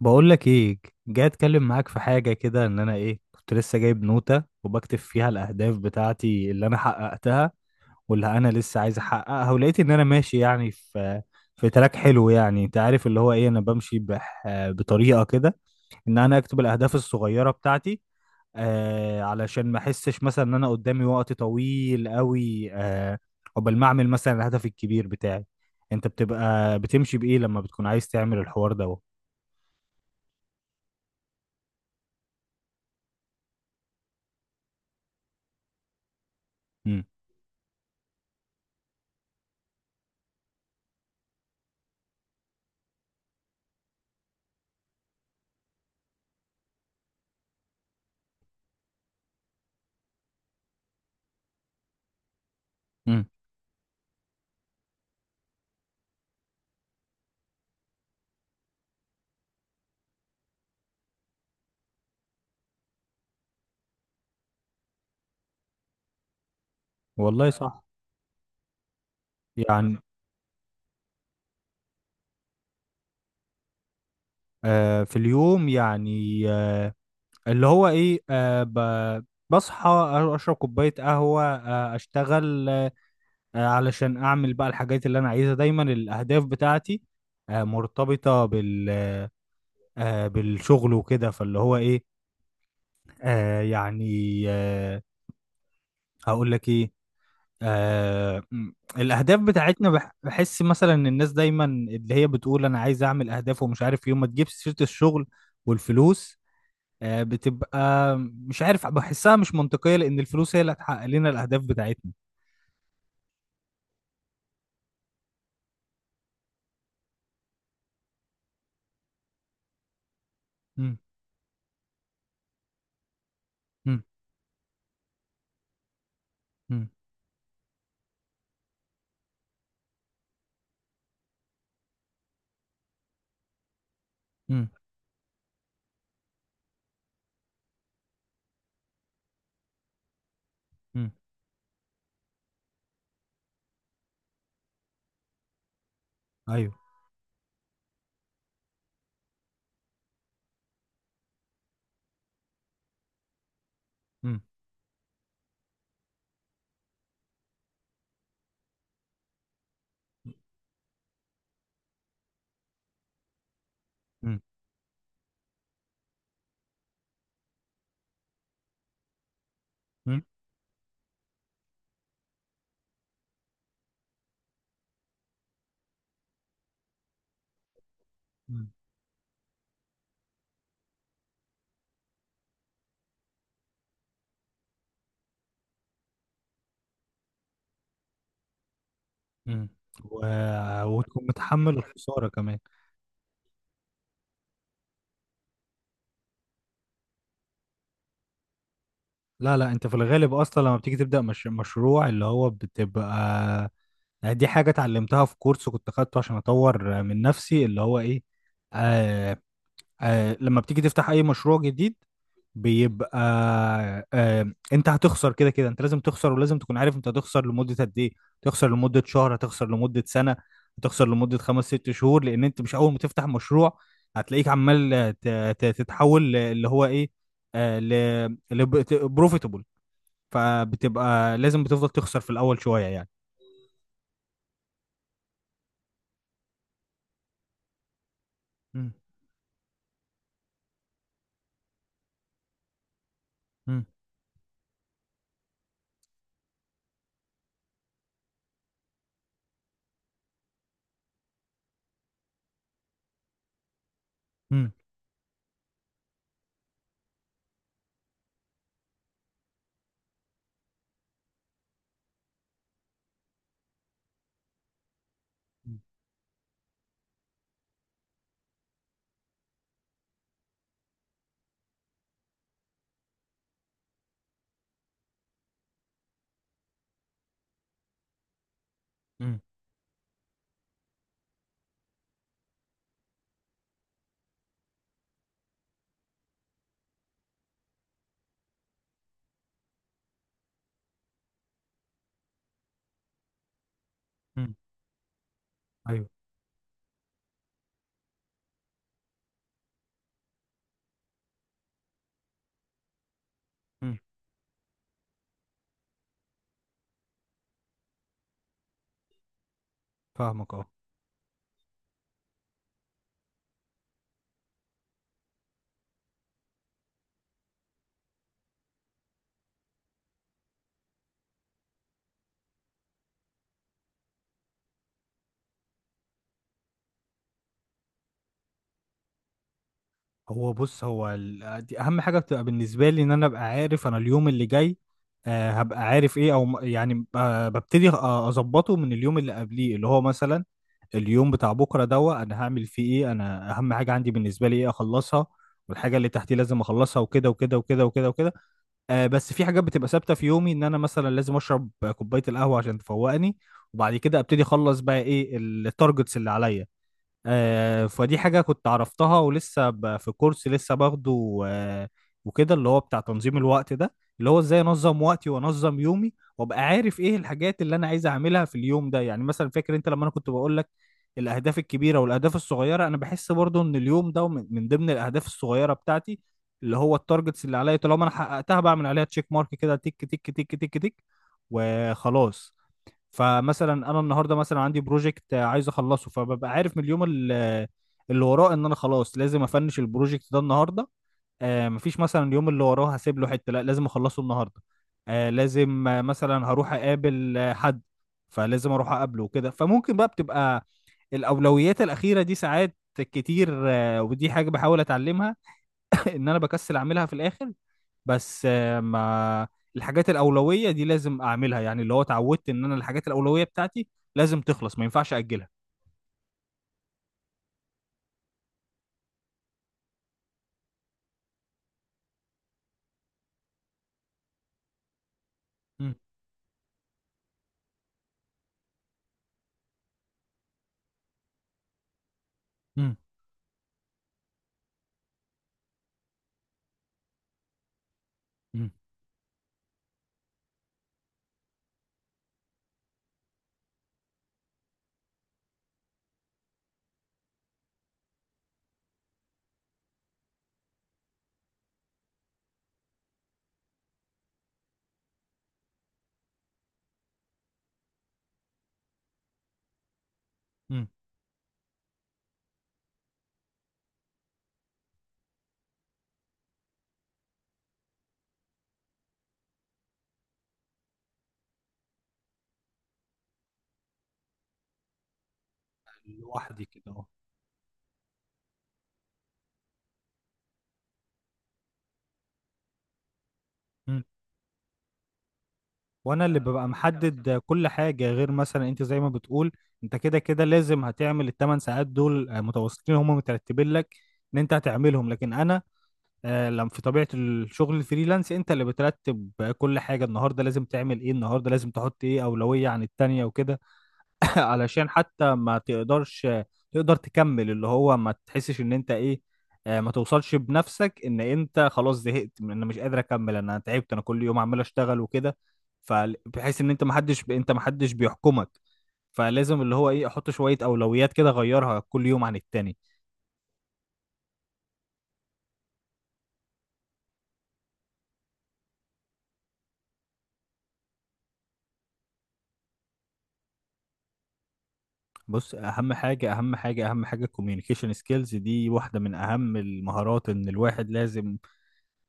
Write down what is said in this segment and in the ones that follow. بقول لك ايه؟ جاي اتكلم معاك في حاجه كده، ان انا كنت لسه جايب نوته وبكتب فيها الاهداف بتاعتي اللي انا حققتها واللي انا لسه عايز احققها، ولقيت ان انا ماشي يعني في تراك حلو، يعني انت عارف اللي هو ايه، انا بمشي بطريقه كده، ان انا اكتب الاهداف الصغيره بتاعتي، علشان ما احسش مثلا ان انا قدامي وقت طويل قوي، قبل ما اعمل مثلا الهدف الكبير بتاعي. انت بتبقى بتمشي بايه لما بتكون عايز تعمل الحوار ده؟ مم. والله صح. يعني في اليوم، يعني اللي هو ايه، بصحى، اشرب كوبايه قهوه، اشتغل، علشان اعمل بقى الحاجات اللي انا عايزها. دايما الاهداف بتاعتي مرتبطه بالشغل وكده، فاللي هو ايه، آه يعني آه هقول لك ايه، آه م- الاهداف بتاعتنا، بحس مثلا ان الناس دايما اللي هي بتقول انا عايز اعمل اهداف ومش عارف، يوم ما تجيب سيره الشغل والفلوس، بتبقى مش عارف، بحسها مش منطقية، لأن الفلوس هي اللي هتحقق لنا الأهداف بتاعتنا. مم، مم، مم، مم، مم، أيوه، مم، مم، مم، مم، مم. و... وتكون متحمل الخسارة كمان. لا لا، أنت في الغالب أصلا لما بتيجي تبدأ مش... مشروع، اللي هو بتبقى يعني، دي حاجة اتعلمتها في كورس كنت خدته عشان أطور من نفسي، اللي هو إيه، آه، لما بتيجي تفتح اي مشروع جديد بيبقى انت هتخسر كده كده. انت لازم تخسر، ولازم تكون عارف انت هتخسر لمدة قد ايه. تخسر لمدة شهر، هتخسر لمدة سنة، هتخسر لمدة 5 6 شهور، لان انت مش اول ما تفتح مشروع هتلاقيك عمال تتحول اللي هو ايه، آه ل بروفيتبل. فبتبقى لازم بتفضل تخسر في الاول شوية يعني. مم، مم، مم، مم، مم. ايوه. مم، فاهمك اه. هو بص، هو ال... آه، دي اهم حاجه، بتبقى بالنسبه لي ان انا ابقى عارف انا اليوم اللي جاي هبقى عارف ايه، او ببتدي اظبطه من اليوم اللي قبليه، اللي هو مثلا اليوم بتاع بكره دوا انا هعمل فيه ايه، انا اهم حاجه عندي بالنسبه لي ايه اخلصها، والحاجه اللي تحتي لازم اخلصها، وكده وكده وكده وكده وكده. بس في حاجات بتبقى ثابته في يومي، ان انا مثلا لازم اشرب كوبايه القهوه عشان تفوقني، وبعد كده ابتدي اخلص بقى ايه التارجتس اللي عليا. فدي حاجة كنت عرفتها ولسه في كورس لسه باخده، وكده، اللي هو بتاع تنظيم الوقت ده، اللي هو ازاي انظم وقتي وانظم يومي وابقى عارف ايه الحاجات اللي انا عايز اعملها في اليوم ده. يعني مثلا فاكر انت لما انا كنت بقول لك الاهداف الكبيرة والاهداف الصغيرة؟ انا بحس برضو ان اليوم ده من ضمن الاهداف الصغيرة بتاعتي، اللي هو التارجتس اللي عليا طالما انا حققتها بعمل عليها تشيك مارك كده، تك تك تك تك تك، وخلاص. فمثلا انا النهارده مثلا عندي بروجكت عايز اخلصه، فببقى عارف من اللي وراه ان انا خلاص لازم افنش البروجكت ده النهارده. مفيش مثلا اليوم اللي وراه هسيب له حته، لا لازم اخلصه النهارده. آه لازم آه، مثلا هروح اقابل حد، فلازم اروح اقابله وكده. فممكن بقى بتبقى الاولويات الاخيره دي ساعات كتير، ودي حاجه بحاول اتعلمها. ان انا بكسل اعملها في الاخر، بس آه، ما الحاجات الأولوية دي لازم أعملها، يعني اللي هو اتعودت إن أنا الحاجات الأولوية بتاعتي لازم تخلص، ما ينفعش أجلها. مم. مم. مم. مم. لوحدي كده أهو. مم. وانا اللي ببقى محدد كل حاجه، غير مثلا انت زي ما بتقول، انت كده كده لازم هتعمل الـ 8 ساعات دول متواصلين، هم مترتبين لك ان انت هتعملهم، لكن انا لما في طبيعه الشغل الفريلانس انت اللي بترتب كل حاجه. النهارده لازم تعمل ايه، النهارده لازم تحط ايه اولويه عن التانيه وكده، علشان حتى ما تقدرش تقدر تكمل، اللي هو ما تحسش ان انت ايه، ما توصلش بنفسك ان انت خلاص زهقت، من انا مش قادر اكمل، انا تعبت، انا كل يوم عمال اشتغل وكده. فبحيث ان انت، ما حدش بيحكمك، فلازم اللي هو ايه، احط شوية اولويات كده اغيرها كل يوم عن التاني. بص، اهم حاجة اهم حاجة اهم حاجة الكوميونيكيشن سكيلز، دي واحدة من اهم المهارات ان الواحد لازم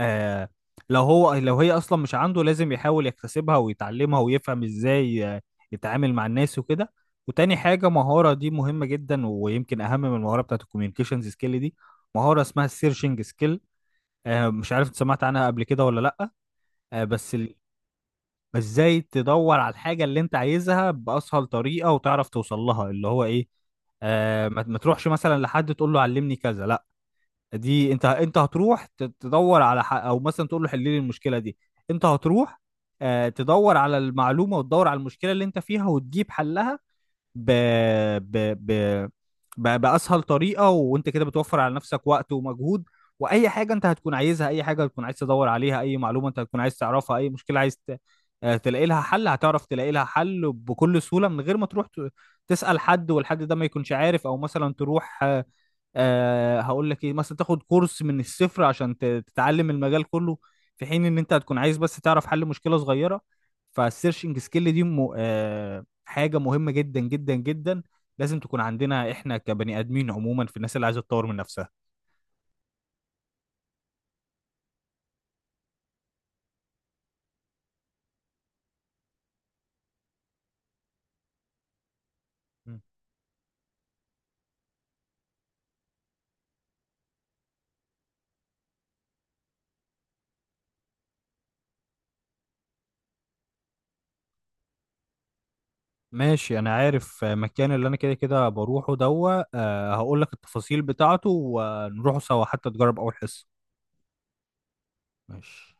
آه لو هو، لو هي اصلا مش عنده، لازم يحاول يكتسبها ويتعلمها ويفهم ازاي يتعامل مع الناس وكده. وتاني حاجة، مهارة دي مهمة جدا، ويمكن اهم من المهارة بتاعت الكوميونيكيشنز سكيل دي، مهارة اسمها السيرشنج سكيل. مش عارف انت سمعت عنها قبل كده ولا لا؟ آه بس ال... بس ازاي تدور على الحاجة اللي انت عايزها باسهل طريقة، وتعرف توصل لها، اللي هو ايه، ما تروحش مثلا لحد تقول له علمني كذا، لا، دي انت، تدور على او مثلا تقول له حل لي المشكله دي، انت هتروح تدور على المعلومه، وتدور على المشكله اللي انت فيها وتجيب حلها ب... ب... ب... بأسهل طريقة. وانت كده بتوفر على نفسك وقت ومجهود، واي حاجة انت هتكون عايزها، اي حاجة هتكون عايز تدور عليها، اي معلومة انت هتكون عايز تعرفها، اي مشكلة عايز ت... آه، تلاقي لها حل، هتعرف تلاقي لها حل بكل سهولة، من غير ما تروح تسأل حد والحد ده ما يكونش عارف، او مثلا تروح هقول لك ايه، مثلا تاخد كورس من الصفر عشان تتعلم المجال كله، في حين ان انت هتكون عايز بس تعرف حل مشكلة صغيرة. فالسيرشنج سكيل دي حاجه مهمه جدا جدا جدا، لازم تكون عندنا احنا كبني ادمين عموما، في الناس اللي عايزه تطور من نفسها. مم. ماشي، انا عارف مكان اللي انا كده كده بروحه دوا، هقول لك التفاصيل بتاعته ونروحوا سوا حتى تجرب اول حصه. ماشي.